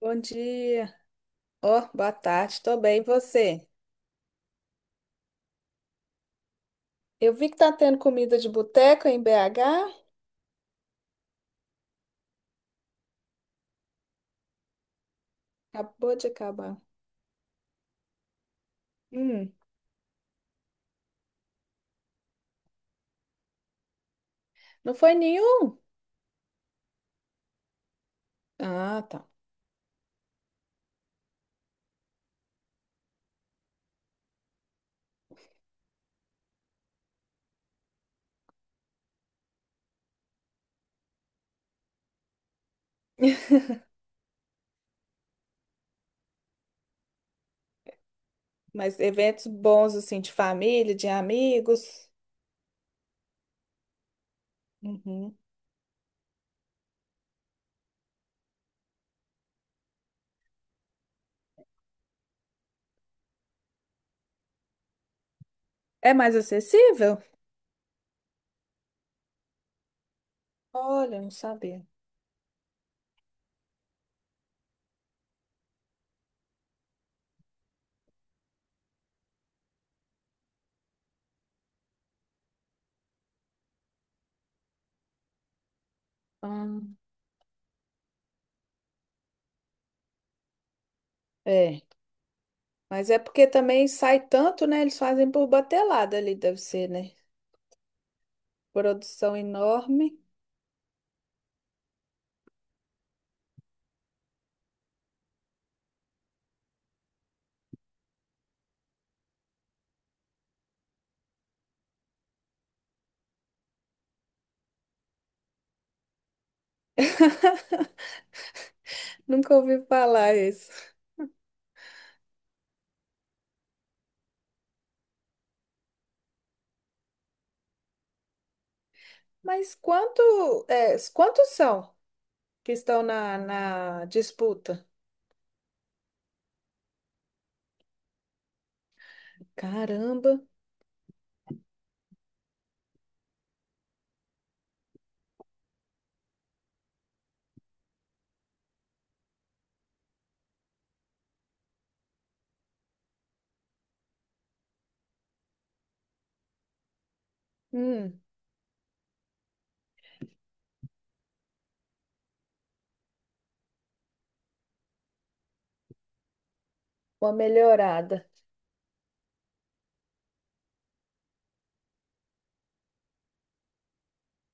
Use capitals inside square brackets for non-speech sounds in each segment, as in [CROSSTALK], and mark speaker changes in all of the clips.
Speaker 1: Bom dia. Ó, boa tarde. Tô bem, e você? Eu vi que tá tendo comida de boteco em BH. Acabou de acabar. Hum, não foi nenhum? Ah, tá. [LAUGHS] Mas eventos bons, assim, de família, de amigos. Uhum. É mais acessível? Olha, não sabia. Ah, é. Mas é porque também sai tanto, né? Eles fazem por batelada ali, deve ser, né? Produção enorme. [LAUGHS] Nunca ouvi falar isso. Mas quantos são que estão na disputa? Caramba. Hum, Uma melhorada.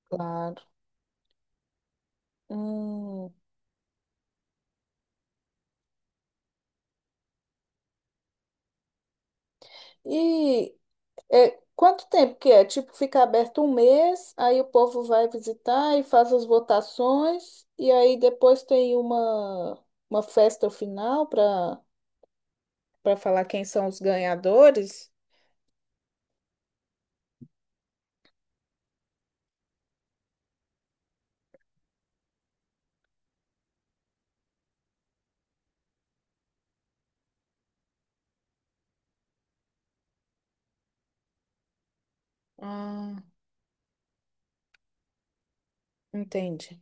Speaker 1: Claro. Hum. E quanto tempo que é? Tipo, fica aberto um mês, aí o povo vai visitar e faz as votações, e aí depois tem uma festa final para falar quem são os ganhadores? Ah, entendi.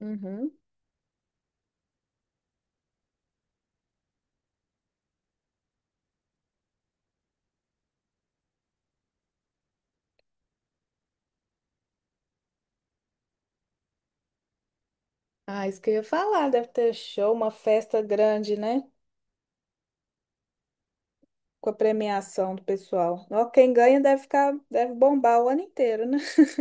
Speaker 1: Uhum. Ah, isso que eu ia falar, deve ter show, uma festa grande, né? Com a premiação do pessoal. Ó, quem ganha deve ficar, deve bombar o ano inteiro, né? [LAUGHS]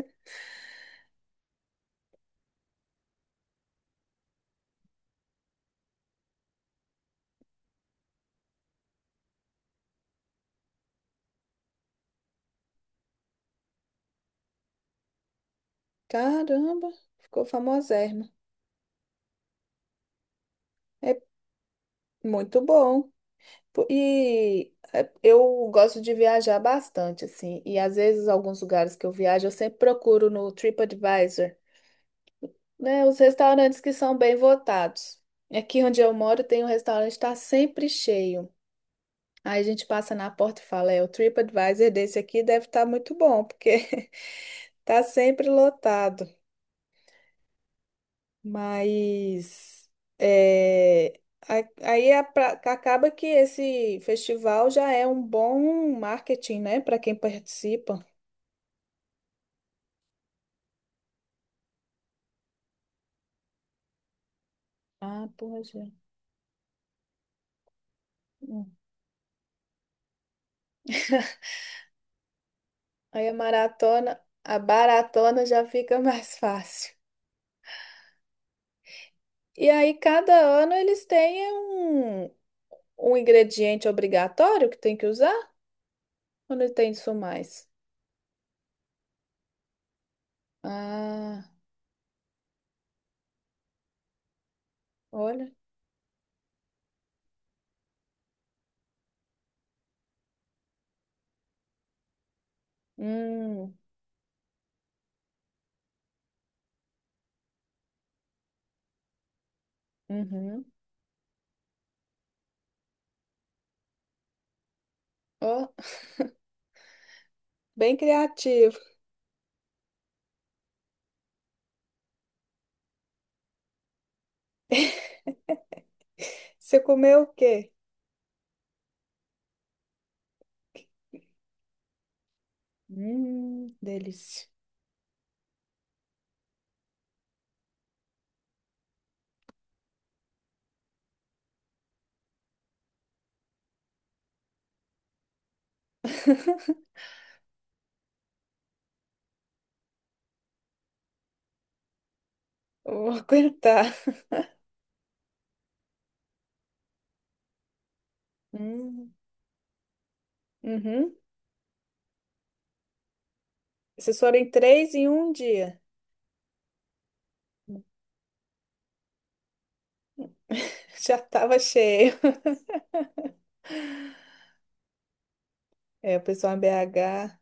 Speaker 1: Caramba, ficou famosérrimo. É muito bom. E eu gosto de viajar bastante, assim. E às vezes, alguns lugares que eu viajo, eu sempre procuro no TripAdvisor, né? Os restaurantes que são bem votados. Aqui onde eu moro, tem um restaurante que está sempre cheio. Aí a gente passa na porta e fala, o TripAdvisor desse aqui deve estar muito bom, porque [LAUGHS] tá sempre lotado. Mas é, aí acaba que esse festival já é um bom marketing, né, para quem participa. Ah, poxa. Hum. Aí a maratona, a baratona já fica [LAUGHS] mais fácil. E aí cada ano eles têm um ingrediente obrigatório que tem que usar ou não tem isso mais? Ah. Olha. Hum, uhum. Ó, bem criativo. Você comeu o quê? Delícia. Eu vou aguentar. [LAUGHS] Hum, uhum. Vocês foram em três em um dia. [LAUGHS] Já estava cheio. É, o pessoal em BH.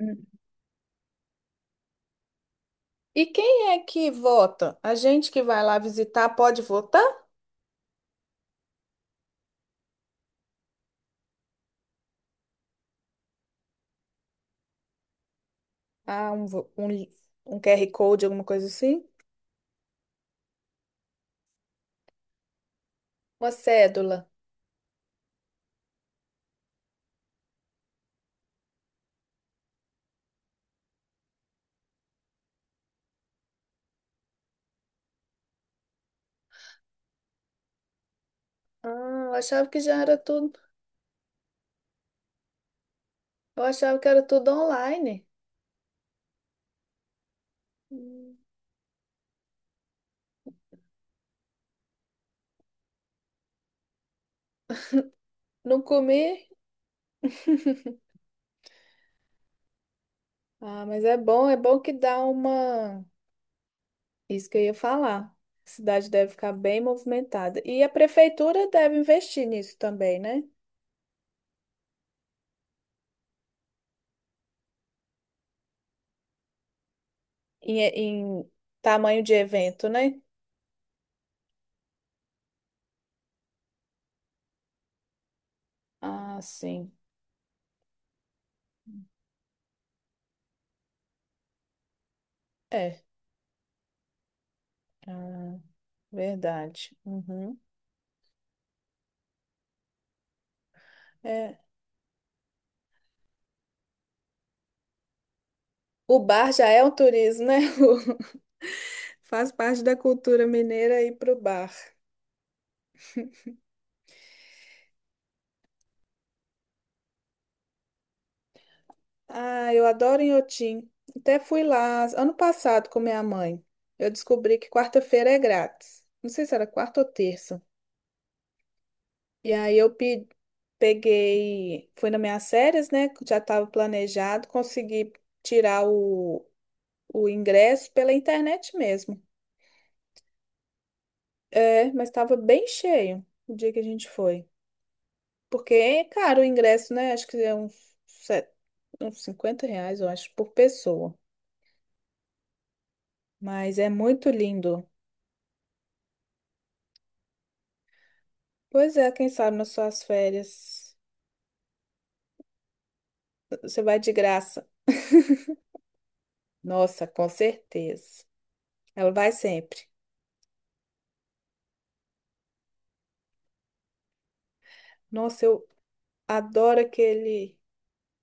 Speaker 1: Hum. E quem é que vota? A gente que vai lá visitar pode votar? Ah, um QR Code, alguma coisa assim? Uma cédula. Ah, eu achava que já era tudo. Eu achava que era tudo online. Hum. Não comi? Ah, mas é bom que dá uma. Isso que eu ia falar. A cidade deve ficar bem movimentada. E a prefeitura deve investir nisso também, né? Em tamanho de evento, né? Ah, sim. É. Ah, verdade. Uhum. É. O bar já é um turismo, né? [LAUGHS] Faz parte da cultura mineira ir pro bar. Ah, eu adoro Inhotim. Até fui lá ano passado com minha mãe. Eu descobri que quarta-feira é grátis. Não sei se era quarta ou terça. E aí eu peguei, fui nas minhas férias, né, que já estava planejado, consegui tirar o ingresso pela internet mesmo. É, mas estava bem cheio o dia que a gente foi. Porque é caro o ingresso, né? Acho que é uns R$ 50, eu acho, por pessoa. Mas é muito lindo. Pois é, quem sabe nas suas férias você vai de graça. [LAUGHS] Nossa, com certeza. Ela vai sempre. Nossa, eu adoro aquele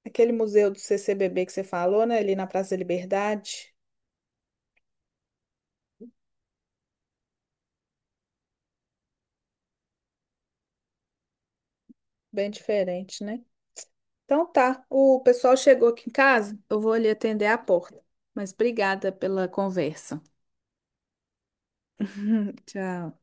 Speaker 1: aquele museu do CCBB que você falou, né? Ali na Praça da Liberdade. Bem diferente, né? Então tá, o pessoal chegou aqui em casa, eu vou ali atender a porta. Mas obrigada pela conversa. [LAUGHS] Tchau.